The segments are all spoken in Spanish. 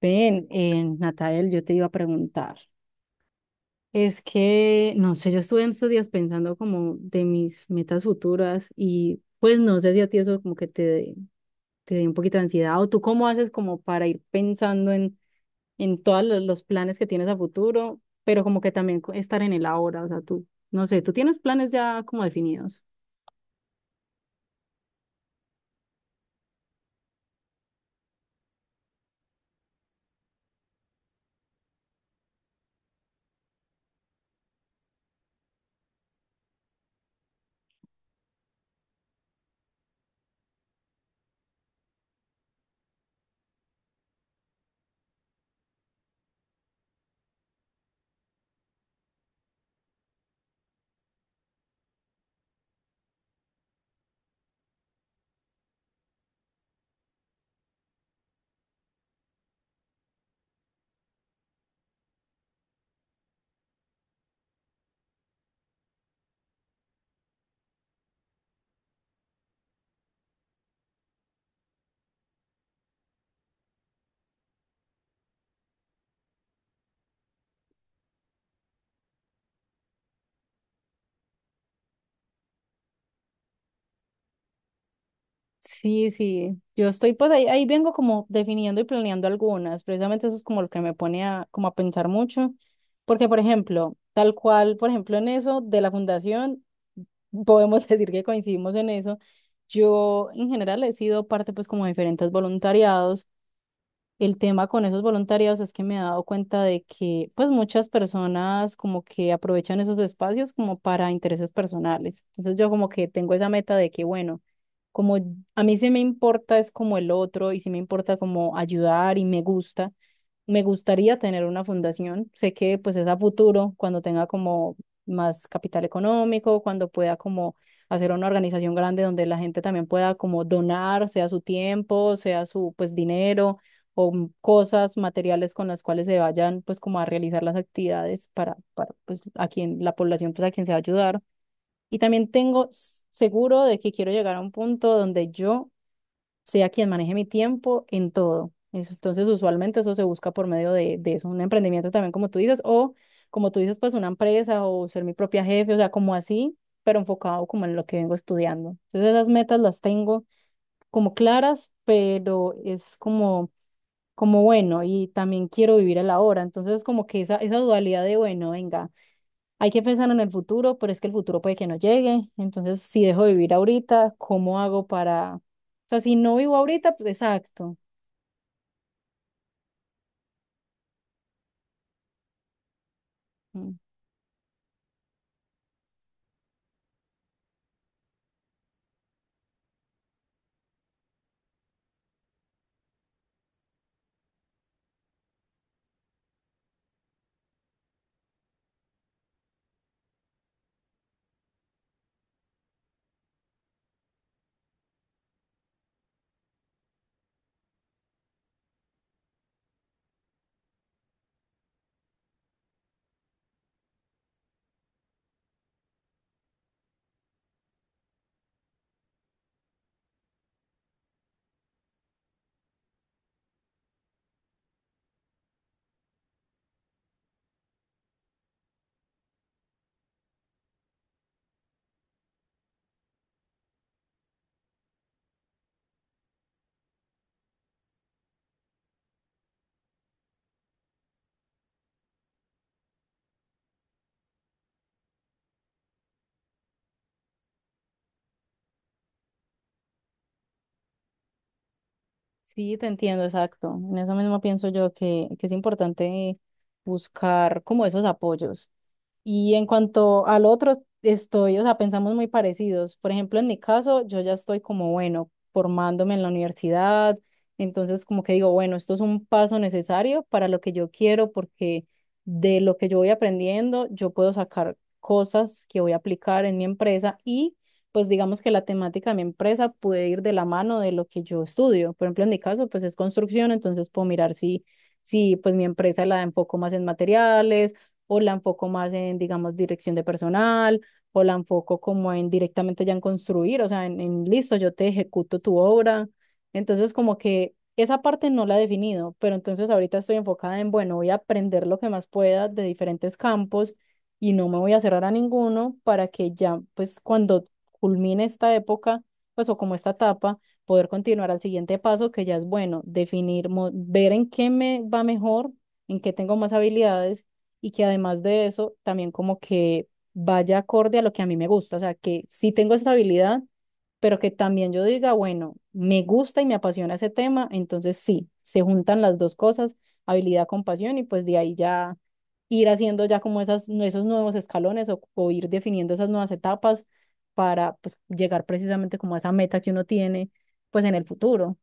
Ven, Natael, yo te iba a preguntar. Es que, no sé, yo estuve en estos días pensando como de mis metas futuras y pues no sé si a ti eso como que te dio un poquito de ansiedad o tú cómo haces como para ir pensando en todos los planes que tienes a futuro, pero como que también estar en el ahora, o sea, tú, no sé, ¿tú tienes planes ya como definidos? Sí, sí, yo estoy pues ahí vengo como definiendo y planeando algunas, precisamente eso es como lo que me pone como a pensar mucho, porque por ejemplo, tal cual, por ejemplo en eso de la fundación, podemos decir que coincidimos en eso. Yo en general he sido parte pues como de diferentes voluntariados. El tema con esos voluntariados es que me he dado cuenta de que pues muchas personas como que aprovechan esos espacios como para intereses personales. Entonces yo como que tengo esa meta de que bueno, como a mí sí me importa es como el otro y sí me importa como ayudar y me gusta, me gustaría tener una fundación. Sé que pues es a futuro, cuando tenga como más capital económico, cuando pueda como hacer una organización grande donde la gente también pueda como donar, sea su tiempo, sea su pues dinero o cosas materiales con las cuales se vayan pues como a realizar las actividades para pues a quien la población pues a quien se va a ayudar. Y también tengo seguro de que quiero llegar a un punto donde yo sea quien maneje mi tiempo en todo. Entonces, usualmente eso se busca por medio de eso, un emprendimiento también, como tú dices, o como tú dices, pues una empresa o ser mi propia jefe, o sea, como así, pero enfocado como en lo que vengo estudiando. Entonces, esas metas las tengo como claras, pero es como, como bueno, y también quiero vivir el ahora. Entonces, como que esa dualidad de, bueno, venga. Hay que pensar en el futuro, pero es que el futuro puede que no llegue. Entonces, si dejo de vivir ahorita, ¿cómo hago para... O sea, si no vivo ahorita, pues exacto. Mm. Sí, te entiendo, exacto. En eso mismo pienso yo que es importante buscar como esos apoyos. Y en cuanto al otro, estoy, o sea, pensamos muy parecidos. Por ejemplo, en mi caso, yo ya estoy como, bueno, formándome en la universidad, entonces como que digo, bueno, esto es un paso necesario para lo que yo quiero, porque de lo que yo voy aprendiendo, yo puedo sacar cosas que voy a aplicar en mi empresa y pues digamos que la temática de mi empresa puede ir de la mano de lo que yo estudio. Por ejemplo, en mi caso, pues es construcción, entonces puedo mirar si pues mi empresa la enfoco más en materiales o la enfoco más en, digamos, dirección de personal, o la enfoco como en directamente ya en construir, o sea, en listo, yo te ejecuto tu obra. Entonces, como que esa parte no la he definido, pero entonces ahorita estoy enfocada en, bueno, voy a aprender lo que más pueda de diferentes campos y no me voy a cerrar a ninguno para que ya, pues, cuando culmine esta época, pues, o como esta etapa, poder continuar al siguiente paso, que ya es bueno, definir, ver en qué me va mejor, en qué tengo más habilidades y que además de eso también como que vaya acorde a lo que a mí me gusta, o sea, que sí tengo esta habilidad, pero que también yo diga, bueno, me gusta y me apasiona ese tema, entonces sí, se juntan las dos cosas, habilidad con pasión y pues de ahí ya ir haciendo ya como esos nuevos escalones o ir definiendo esas nuevas etapas para pues llegar precisamente como a esa meta que uno tiene pues en el futuro.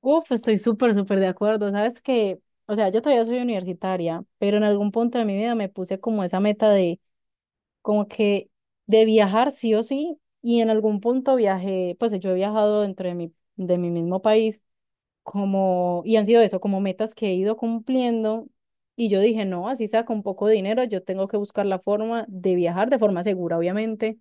Uf, estoy súper, súper de acuerdo. Sabes que, o sea, yo todavía soy universitaria, pero en algún punto de mi vida me puse como esa meta de, como que, de viajar sí o sí. Y en algún punto viajé, pues yo he viajado dentro de de mi mismo país, como, y han sido eso, como metas que he ido cumpliendo. Y yo dije, no, así sea con poco dinero, yo tengo que buscar la forma de viajar de forma segura, obviamente,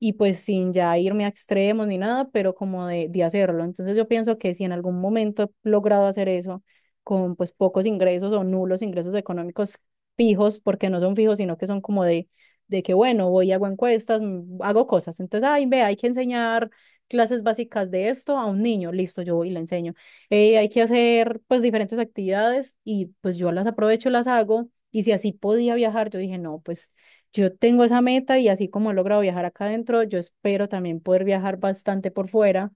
y pues sin ya irme a extremos ni nada, pero como de hacerlo. Entonces yo pienso que si en algún momento he logrado hacer eso con pues pocos ingresos o nulos ingresos económicos fijos, porque no son fijos, sino que son como de que bueno, voy, hago encuestas, hago cosas. Entonces, ay, ve, hay que enseñar clases básicas de esto a un niño, listo, yo voy y le enseño. Hay que hacer pues diferentes actividades y pues yo las aprovecho, las hago. Y si así podía viajar, yo dije, no, pues yo tengo esa meta y así como he logrado viajar acá adentro, yo espero también poder viajar bastante por fuera.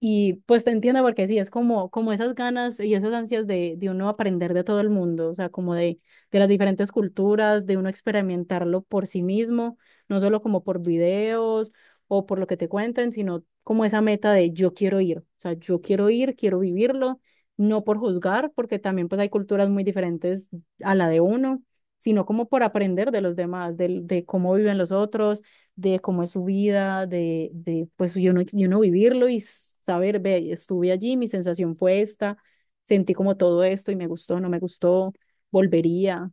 Y pues te entiendo porque sí, es como, esas ganas y esas ansias de uno aprender de todo el mundo, o sea, como de las diferentes culturas, de uno experimentarlo por sí mismo, no solo como por videos o por lo que te cuenten, sino como esa meta de yo quiero ir, o sea, yo quiero ir, quiero vivirlo, no por juzgar, porque también pues hay culturas muy diferentes a la de uno, sino como por aprender de los demás, del de cómo viven los otros, de cómo es su vida, de pues yo no vivirlo y saber, ve, estuve allí, mi sensación fue esta, sentí como todo esto y me gustó, no me gustó, volvería.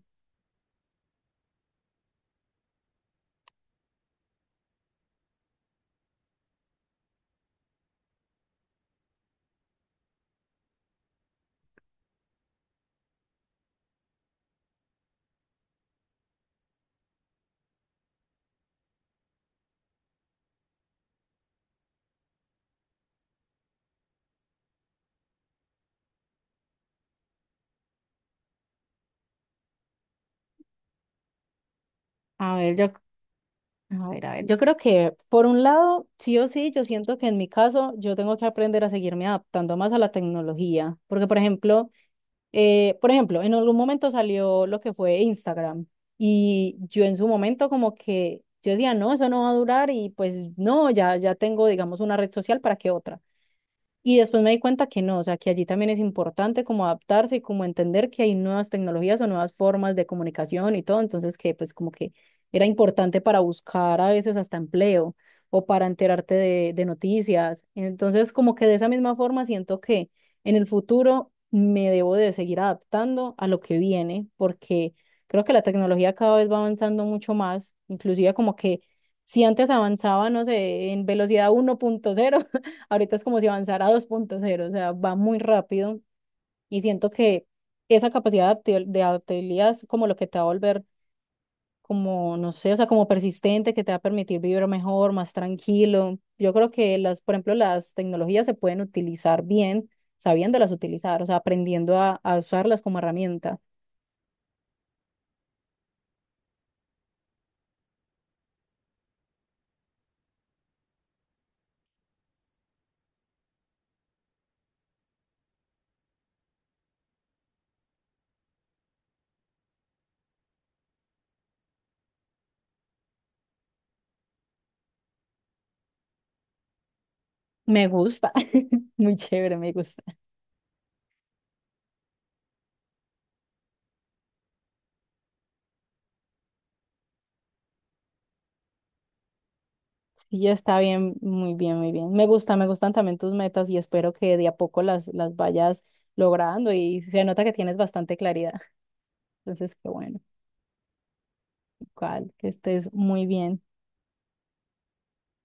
A ver, ya a ver, yo creo que por un lado, sí o sí, yo siento que en mi caso yo tengo que aprender a seguirme adaptando más a la tecnología, porque por ejemplo, en algún momento salió lo que fue Instagram y yo en su momento como que yo decía, no, eso no va a durar y pues no, ya tengo, digamos, una red social para que otra. Y después me di cuenta que no, o sea, que allí también es importante como adaptarse y como entender que hay nuevas tecnologías o nuevas formas de comunicación y todo, entonces que pues como que era importante para buscar a veces hasta empleo o para enterarte de noticias. Entonces como que de esa misma forma siento que en el futuro me debo de seguir adaptando a lo que viene, porque creo que la tecnología cada vez va avanzando mucho más, inclusive como que si antes avanzaba, no sé, en velocidad 1.0. Ahorita es como si avanzara a 2.0, o sea, va muy rápido, y siento que esa capacidad de adaptabil- de adaptabilidad es como lo que te va a volver como, no sé, o sea, como persistente, que te va a permitir vivir mejor, más tranquilo. Yo creo que las, por ejemplo, las tecnologías se pueden utilizar bien, sabiéndolas utilizar, o sea, aprendiendo a usarlas como herramienta. Me gusta, muy chévere, me gusta. Y ya está bien, muy bien, muy bien. Me gusta, me gustan también tus metas y espero que de a poco las vayas logrando y se nota que tienes bastante claridad. Entonces, qué bueno, cual, que estés muy bien.